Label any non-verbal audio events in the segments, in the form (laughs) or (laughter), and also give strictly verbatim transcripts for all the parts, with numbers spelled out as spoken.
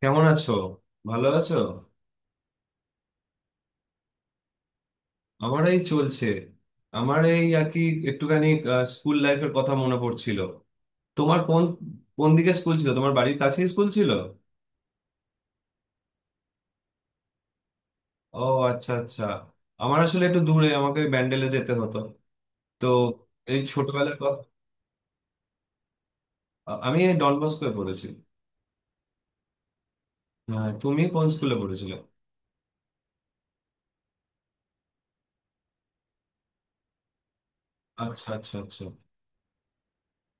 কেমন আছো? ভালো আছো? আমার এই চলছে, আমার এই আর কি, একটুখানি আহ, স্কুল লাইফের কথা মনে পড়ছিল। তোমার কোন কোন দিকে স্কুল ছিল? তোমার বাড়ির কাছেই স্কুল ছিল? ও, আচ্ছা আচ্ছা। আমার আসলে একটু দূরে, আমাকে ব্যান্ডেলে যেতে হতো। তো এই ছোটবেলার কথা। আ- আমি এই ডন বস্কোয় পড়েছি। হ্যাঁ, তুমি কোন স্কুলে পড়েছিলে? আচ্ছা আচ্ছা আচ্ছা।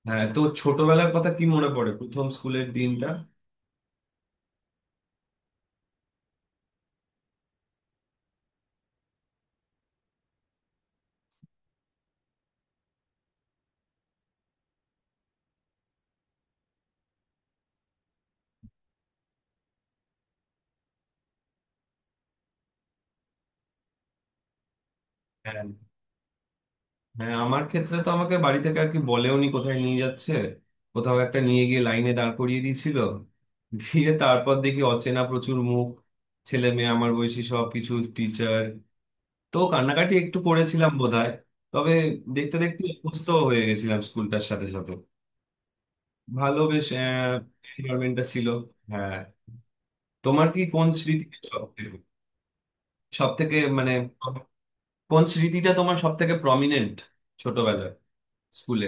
হ্যাঁ, তো ছোটবেলার কথা কি মনে পড়ে? প্রথম স্কুলের দিনটা? হ্যাঁ। হ্যাঁ, আমার ক্ষেত্রে তো আমাকে বাড়ি থেকে আর কি বলেওনি কোথায় নিয়ে যাচ্ছে। কোথাও একটা নিয়ে গিয়ে লাইনে দাঁড় করিয়ে দিয়েছিল। দিয়ে তারপর দেখি অচেনা প্রচুর মুখ, ছেলে মেয়ে আমার বয়সী, সব কিছু, টিচার। তো কান্নাকাটি একটু করেছিলাম বোধহয়। তবে দেখতে দেখতে অভ্যস্ত হয়ে গেছিলাম স্কুলটার সাথে সাথে। ভালো, বেশ এনভায়রনমেন্টটা ছিল। হ্যাঁ। তোমার কি কোন স্মৃতি সব থেকে, সব থেকে মানে কোন স্মৃতিটা তোমার সব থেকে প্রমিনেন্ট ছোটবেলায়, স্কুলে?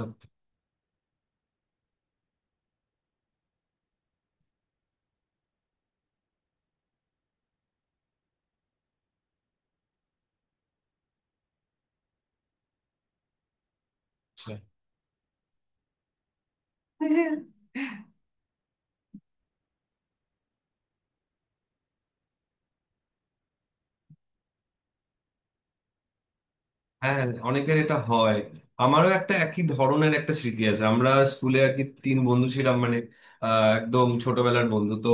আচ্ছা। হ্যাঁ, অনেকের এটা হয়। আমারও একটা একই ধরনের একটা স্মৃতি আছে। আমরা স্কুলে আর কি তিন বন্ধু ছিলাম, মানে আহ, একদম ছোটবেলার বন্ধু তো।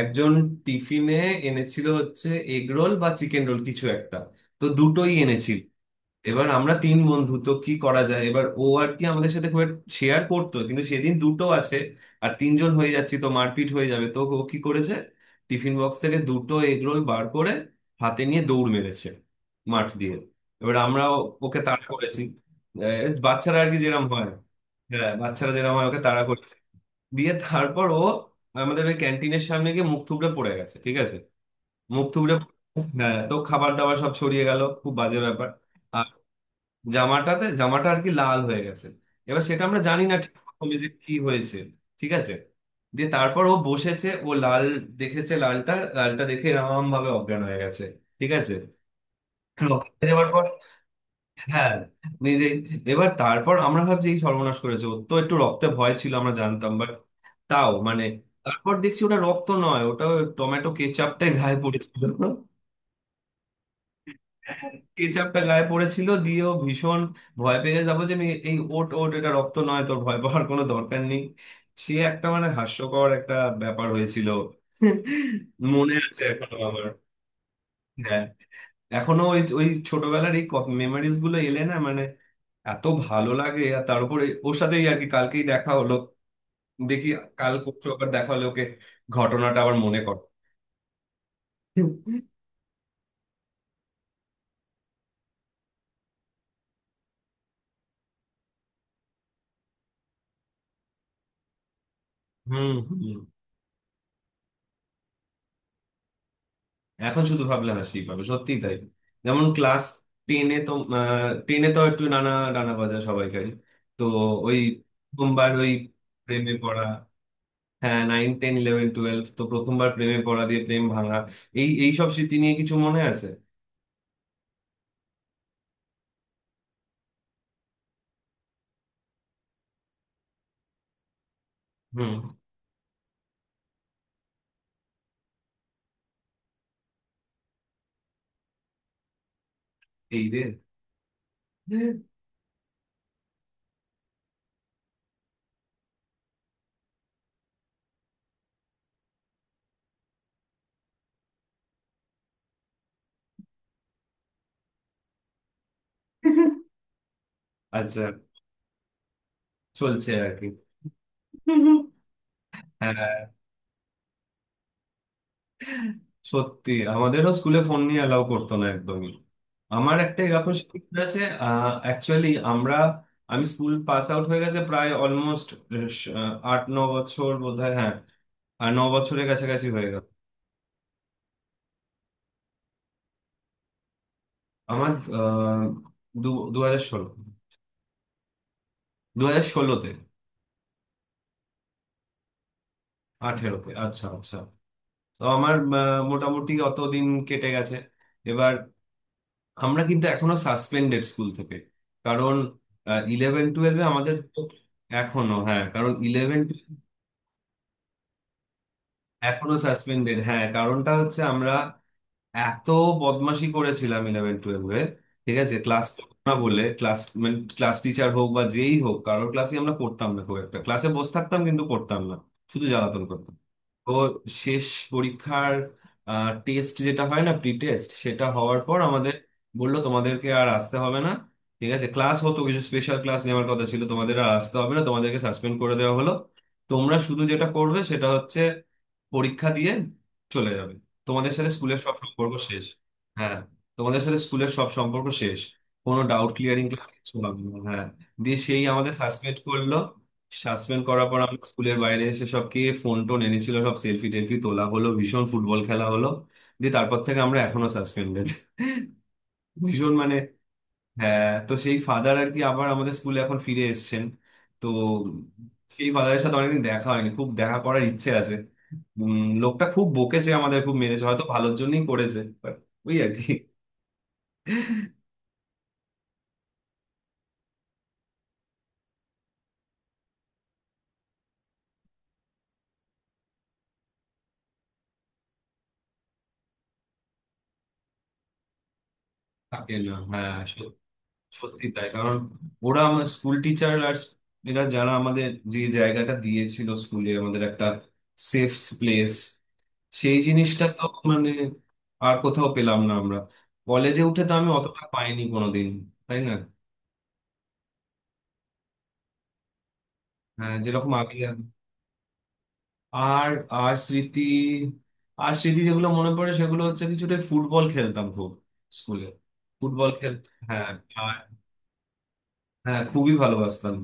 একজন টিফিনে এনেছিল হচ্ছে এগ রোল বা চিকেন রোল কিছু একটা, তো দুটোই এনেছিল। এবার আমরা তিন বন্ধু, তো কি করা যায়? এবার ও আর কি আমাদের সাথে খুব শেয়ার করতো, কিন্তু সেদিন দুটো আছে আর তিনজন হয়ে যাচ্ছি, তো মারপিট হয়ে যাবে, তো ও কি করেছে, টিফিন বক্স থেকে দুটো এগরোল বার করে হাতে নিয়ে দৌড় মেরেছে মাঠ দিয়ে। এবার আমরা ও- ওকে তাড়া করেছি। এ, বাচ্চারা আর কি যেরকম হয়। হ্যাঁ, বাচ্চারা যেরকম হয়, ওকে তাড়া করেছে। দিয়ে তারপর ও আমাদের ওই ক্যান্টিনের সামনে গিয়ে মুখ থুবড়ে পড়ে গেছে। ঠিক আছে, মুখ থুবড়ে পড়ে গেছে। হ্যাঁ, তো খাবার দাবার সব ছড়িয়ে গেল, খুব বাজে ব্যাপার। জামাটাতে, জামাটা আর কি লাল হয়ে গেছে। এবার সেটা আমরা জানি না ঠিক প্রথমে যে কি হয়েছে। ঠিক আছে, দিয়ে তারপর ও বসেছে, ও লাল দেখেছে, লালটা লালটা দেখে এরকম ভাবে অজ্ঞান হয়ে গেছে। ঠিক আছে, রক্তে যাওয়ার পর। হ্যাঁ, নিজেই। এবার তারপর আমরা ভাবছি এই সর্বনাশ করেছে, ওর তো একটু রক্তে ভয় ছিল আমরা জানতাম, বাট তাও মানে। তারপর দেখছি ওটা রক্ত নয়, ওটা টমেটো কেচাপটাই গায়ে পড়েছিল। কেচাপ টা গায়ে পড়েছিল, দিয়ে ও ভীষণ ভয় পেয়ে যাবো যে আমি এই ওট ওট এটা রক্ত নয়, তোর ভয় পাওয়ার কোনো দরকার নেই। সে একটা মানে হাস্যকর একটা ব্যাপার হয়েছিল, মনে আছে এখনো আমার। হ্যাঁ, এখনো ওই ওই ছোটবেলার এই মেমোরিজ গুলো এলে না, মানে এত ভালো লাগে। আর তার উপরে ওর সাথেই আর কি কালকেই দেখা হলো, দেখি কাল পরশু আবার দেখা হলো ওকে, ঘটনাটা আবার মনে কর। হুম হুম। এখন শুধু ভাবলে হাসি পাবে, সত্যিই তাই। যেমন ক্লাস টেনে তো, টেনে তো একটু নানা ডানা বাজা সবাইকারই। তো ওই প্রথমবার ওই প্রেমে পড়া। হ্যাঁ, নাইন টেন ইলেভেন টুয়েলভ তো প্রথমবার প্রেমে পড়া, দিয়ে প্রেম ভাঙা, এই এই সব স্মৃতি নিয়ে কিছু মনে আছে? হুম। এই রে। (laughs) আচ্ছা, চলছে আর কি। হ্যাঁ, সত্যি আমাদেরও স্কুলে ফোন নিয়ে অ্যালাউ করতো না একদমই। আমার একটা এরকম শিক্ষক আছে। অ্যাকচুয়ালি আমরা, আমি স্কুল পাস আউট হয়ে গেছে প্রায় অলমোস্ট আট ন বছর বোধহয়। হ্যাঁ, আর ন বছরের কাছাকাছি হয়ে গেল। আমার আহ, দু দু হাজার ষোলো, দু হাজার ষোলোতে। আঠেরোতে, আচ্ছা আচ্ছা। তো আমার আহ, মোটামুটি অত দিন কেটে গেছে। এবার আমরা কিন্তু এখনো সাসপেন্ডেড স্কুল থেকে, কারণ ইলেভেন টুয়েলভে আমাদের তো। এখনো হ্যাঁ, কারণ ইলেভেন, এখনো সাসপেন্ডেড। হ্যাঁ, কারণটা হচ্ছে আমরা এত বদমাশি করেছিলাম ইলেভেন টুয়েলভে। ঠিক আছে, ক্লাস না বলে ক্লাস মানে, ক্লাস টিচার হোক বা যেই হোক কারোর ক্লাসে আমরা পড়তাম না খুব একটা, ক্লাসে বসে থাকতাম কিন্তু পড়তাম না, শুধু জ্বালাতন করতাম। তো শেষ পরীক্ষার টেস্ট, যেটা হয় না প্রি টেস্ট, সেটা হওয়ার পর আমাদের বললো তোমাদেরকে আর আসতে হবে না। ঠিক আছে, ক্লাস হতো কিছু স্পেশাল ক্লাস নেওয়ার কথা ছিল, তোমাদের আর আসতে হবে না, তোমাদেরকে সাসপেন্ড করে দেওয়া হলো। তোমরা শুধু যেটা করবে সেটা হচ্ছে পরীক্ষা দিয়ে চলে যাবে, তোমাদের সাথে স্কুলের সব সম্পর্ক শেষ। হ্যাঁ, তোমাদের সাথে স্কুলের সব সম্পর্ক শেষ, কোনো ডাউট ক্লিয়ারিং ক্লাস কিছু হবে না। হ্যাঁ, দিয়ে সেই আমাদের সাসপেন্ড করলো। সাসপেন্ড করার পর আমরা স্কুলের বাইরে এসে সবকে ফোন টোন এনেছিল সব, সেলফি টেলফি তোলা হলো, ভীষণ ফুটবল খেলা হলো। দিয়ে তারপর থেকে আমরা এখনো সাসপেন্ডেড, ভীষণ মানে। হ্যাঁ, তো সেই ফাদার আর কি আবার আমাদের স্কুলে এখন ফিরে এসেছেন। তো সেই ফাদারের সাথে অনেকদিন দেখা হয়নি, খুব দেখা করার ইচ্ছে আছে। উম, লোকটা খুব বকেছে আমাদের, খুব মেরেছে, হয়তো ভালোর জন্যই করেছে বাট ওই আর কি। থাকে না, হ্যাঁ। সত্যি তাই, কারণ ওরা আমার স্কুল টিচার, আর এরা যারা আমাদের যে জায়গাটা দিয়েছিল স্কুলে, আমাদের একটা সেফ প্লেস, সেই জিনিসটা তো মানে আর কোথাও পেলাম না আমরা। কলেজে উঠে তো আমি অতটা পাইনি কোনোদিন। তাই না? হ্যাঁ, যেরকম আগে। আর আর স্মৃতি আর স্মৃতি যেগুলো মনে পড়ে সেগুলো হচ্ছে, কিছুটা ফুটবল খেলতাম খুব স্কুলে, ফুটবল খেল। হ্যাঁ, হ্যাঁ, খুবই ভালোবাসতাম,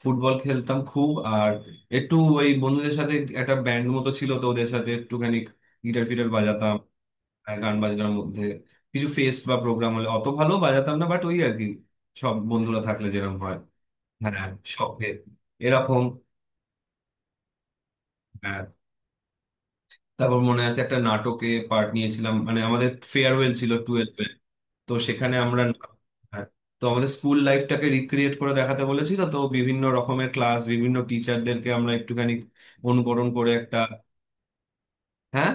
ফুটবল খেলতাম খুব। আর একটু ওই বন্ধুদের সাথে একটা ব্যান্ড মতো ছিল তো, ওদের সাথে একটুখানি গিটার ফিটার বাজাতাম। আর গান বাজনার মধ্যে কিছু ফেস্ট বা প্রোগ্রাম হলে অত ভালো বাজাতাম না, বাট ওই আর কি সব বন্ধুরা থাকলে যেরকম হয়। হ্যাঁ, শখে এরকম। হ্যাঁ। তারপর মনে আছে একটা নাটকে পার্ট নিয়েছিলাম, মানে আমাদের ফেয়ারওয়েল ছিল টুয়েলভ এর, তো সেখানে আমরা। হ্যাঁ, তো আমাদের স্কুল লাইফটাকে রিক্রিয়েট করে দেখাতে বলেছিল, তো বিভিন্ন রকমের ক্লাস বিভিন্ন টিচারদেরকে আমরা একটুখানি অনুকরণ করে একটা। হ্যাঁ,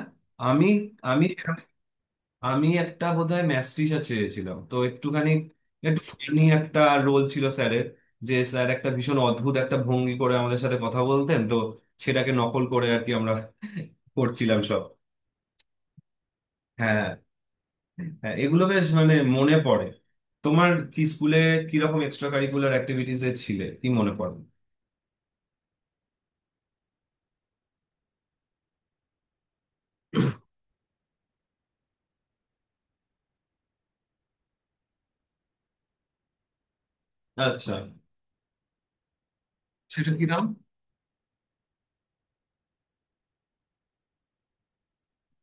আমি, আমি আমি একটা বোধহয় ম্যাথ টিচার চেয়েছিলাম, তো একটুখানি একটু ফানি একটা রোল ছিল স্যারের, যে স্যার একটা ভীষণ অদ্ভুত একটা ভঙ্গি করে আমাদের সাথে কথা বলতেন, তো সেটাকে নকল করে আর কি আমরা করছিলাম সব। হ্যাঁ। হ্যাঁ, এগুলো বেশ মানে মনে পড়ে। তোমার কি স্কুলে কিরকম এক্সট্রা কারিকুলার অ্যাক্টিভিটিস এ ছিলে কি মনে পড়ে? আচ্ছা, সেটা কি নাম?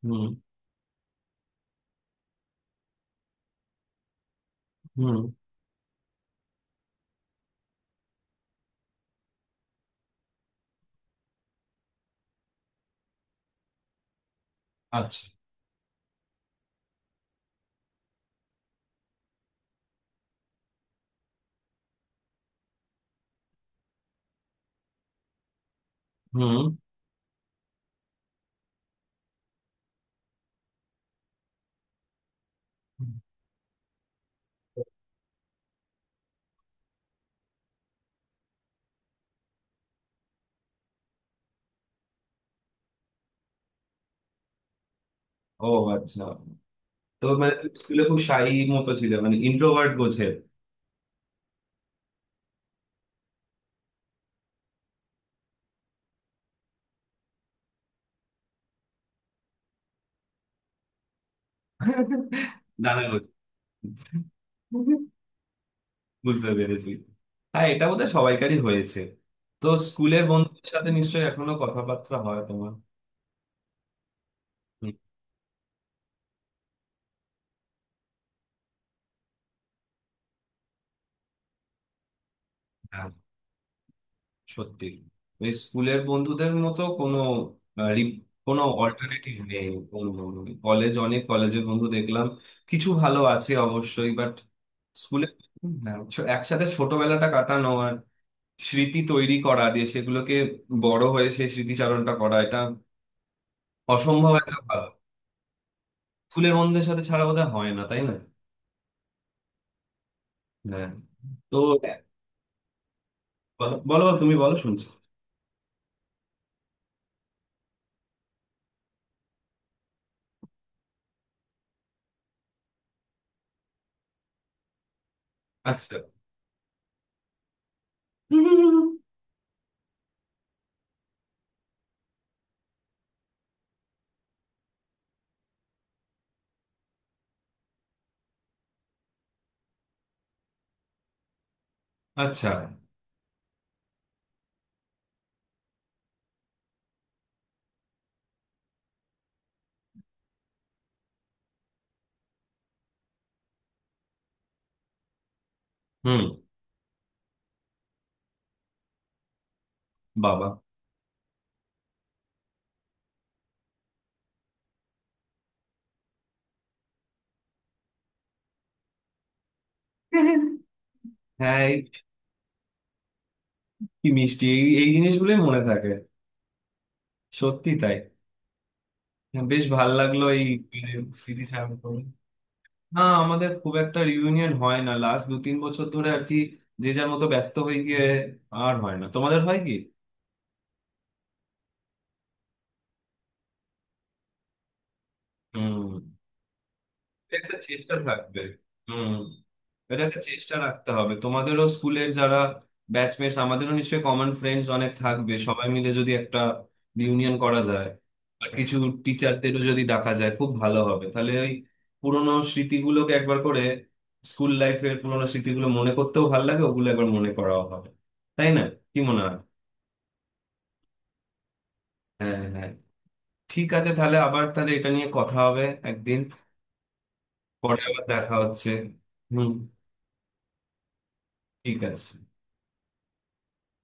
হুম হুম। আচ্ছা। হুম। ও আচ্ছা। তো মানে তুমি স্কুলে খুব শাই মতো ছিলে, মানে ইন্ট্রোভার্ট গোছের? নানা গোছ, বুঝতে পেরেছি। হ্যাঁ, এটা বোধহয় সবাইকারই হয়েছে। তো স্কুলের বন্ধুদের সাথে নিশ্চয়ই এখনো কথাবার্তা হয় তোমার? হুম। হ্যাঁ। সত্যি ওই স্কুলের বন্ধুদের মতো কোনো আহ, রি- কোনো অল্টারনেটিভ নেই। কলেজ, অনেক কলেজের বন্ধু দেখলাম, কিছু ভালো আছে অবশ্যই, বাট স্কুলে। হ্যাঁ, ছ- একসাথে ছোটবেলাটা কাটানো আর স্মৃতি তৈরি করা, দিয়ে সেগুলোকে বড় হয়ে সেই স্মৃতিচারণটা করা, এটা অসম্ভব একটা ভালো। স্কুলের বন্ধুদের সাথে ছাড়া বোধহয় হয় না, তাই না? হ্যাঁ। তো বলো। বলো বলো, তুমি বলো, শুনছি। আচ্ছা আচ্ছা। হুম। বাবা। হ্যাঁ, কি মিষ্টি, এই এই জিনিসগুলোই মনে থাকে, সত্যি তাই। হ্যাঁ, বেশ ভাল লাগলো এই মানে স্মৃতি চারণ করে। না, আমাদের খুব একটা রিউনিয়ন হয় না লাস্ট দু তিন বছর ধরে আর কি, যে যার মতো ব্যস্ত হয়ে গিয়ে আর হয় না। তোমাদের হয় কি? হুম, একটা চেষ্টা থাকবে। হুম, এটা একটা চেষ্টা রাখতে হবে। তোমাদেরও স্কুলের যারা ব্যাচমেটস, আমাদেরও নিশ্চয়ই কমন ফ্রেন্ডস অনেক থাকবে, সবাই মিলে যদি একটা ইউনিয়ন করা যায়, আর কিছু টিচারদেরও যদি ডাকা যায়, খুব ভালো হবে তাহলে। ওই পুরোনো স্মৃতিগুলোকে একবার করে, স্কুল লাইফের পুরোনো স্মৃতিগুলো মনে করতেও ভালো লাগে, ওগুলো একবার মনে করাও হবে। তাই না? কি মনে হয়? হ্যাঁ, হ্যাঁ। ঠিক আছে, তাহলে আবার তাহলে এটা নিয়ে কথা হবে একদিন, পরে আবার দেখা হচ্ছে। হুম। ঠিক আছে।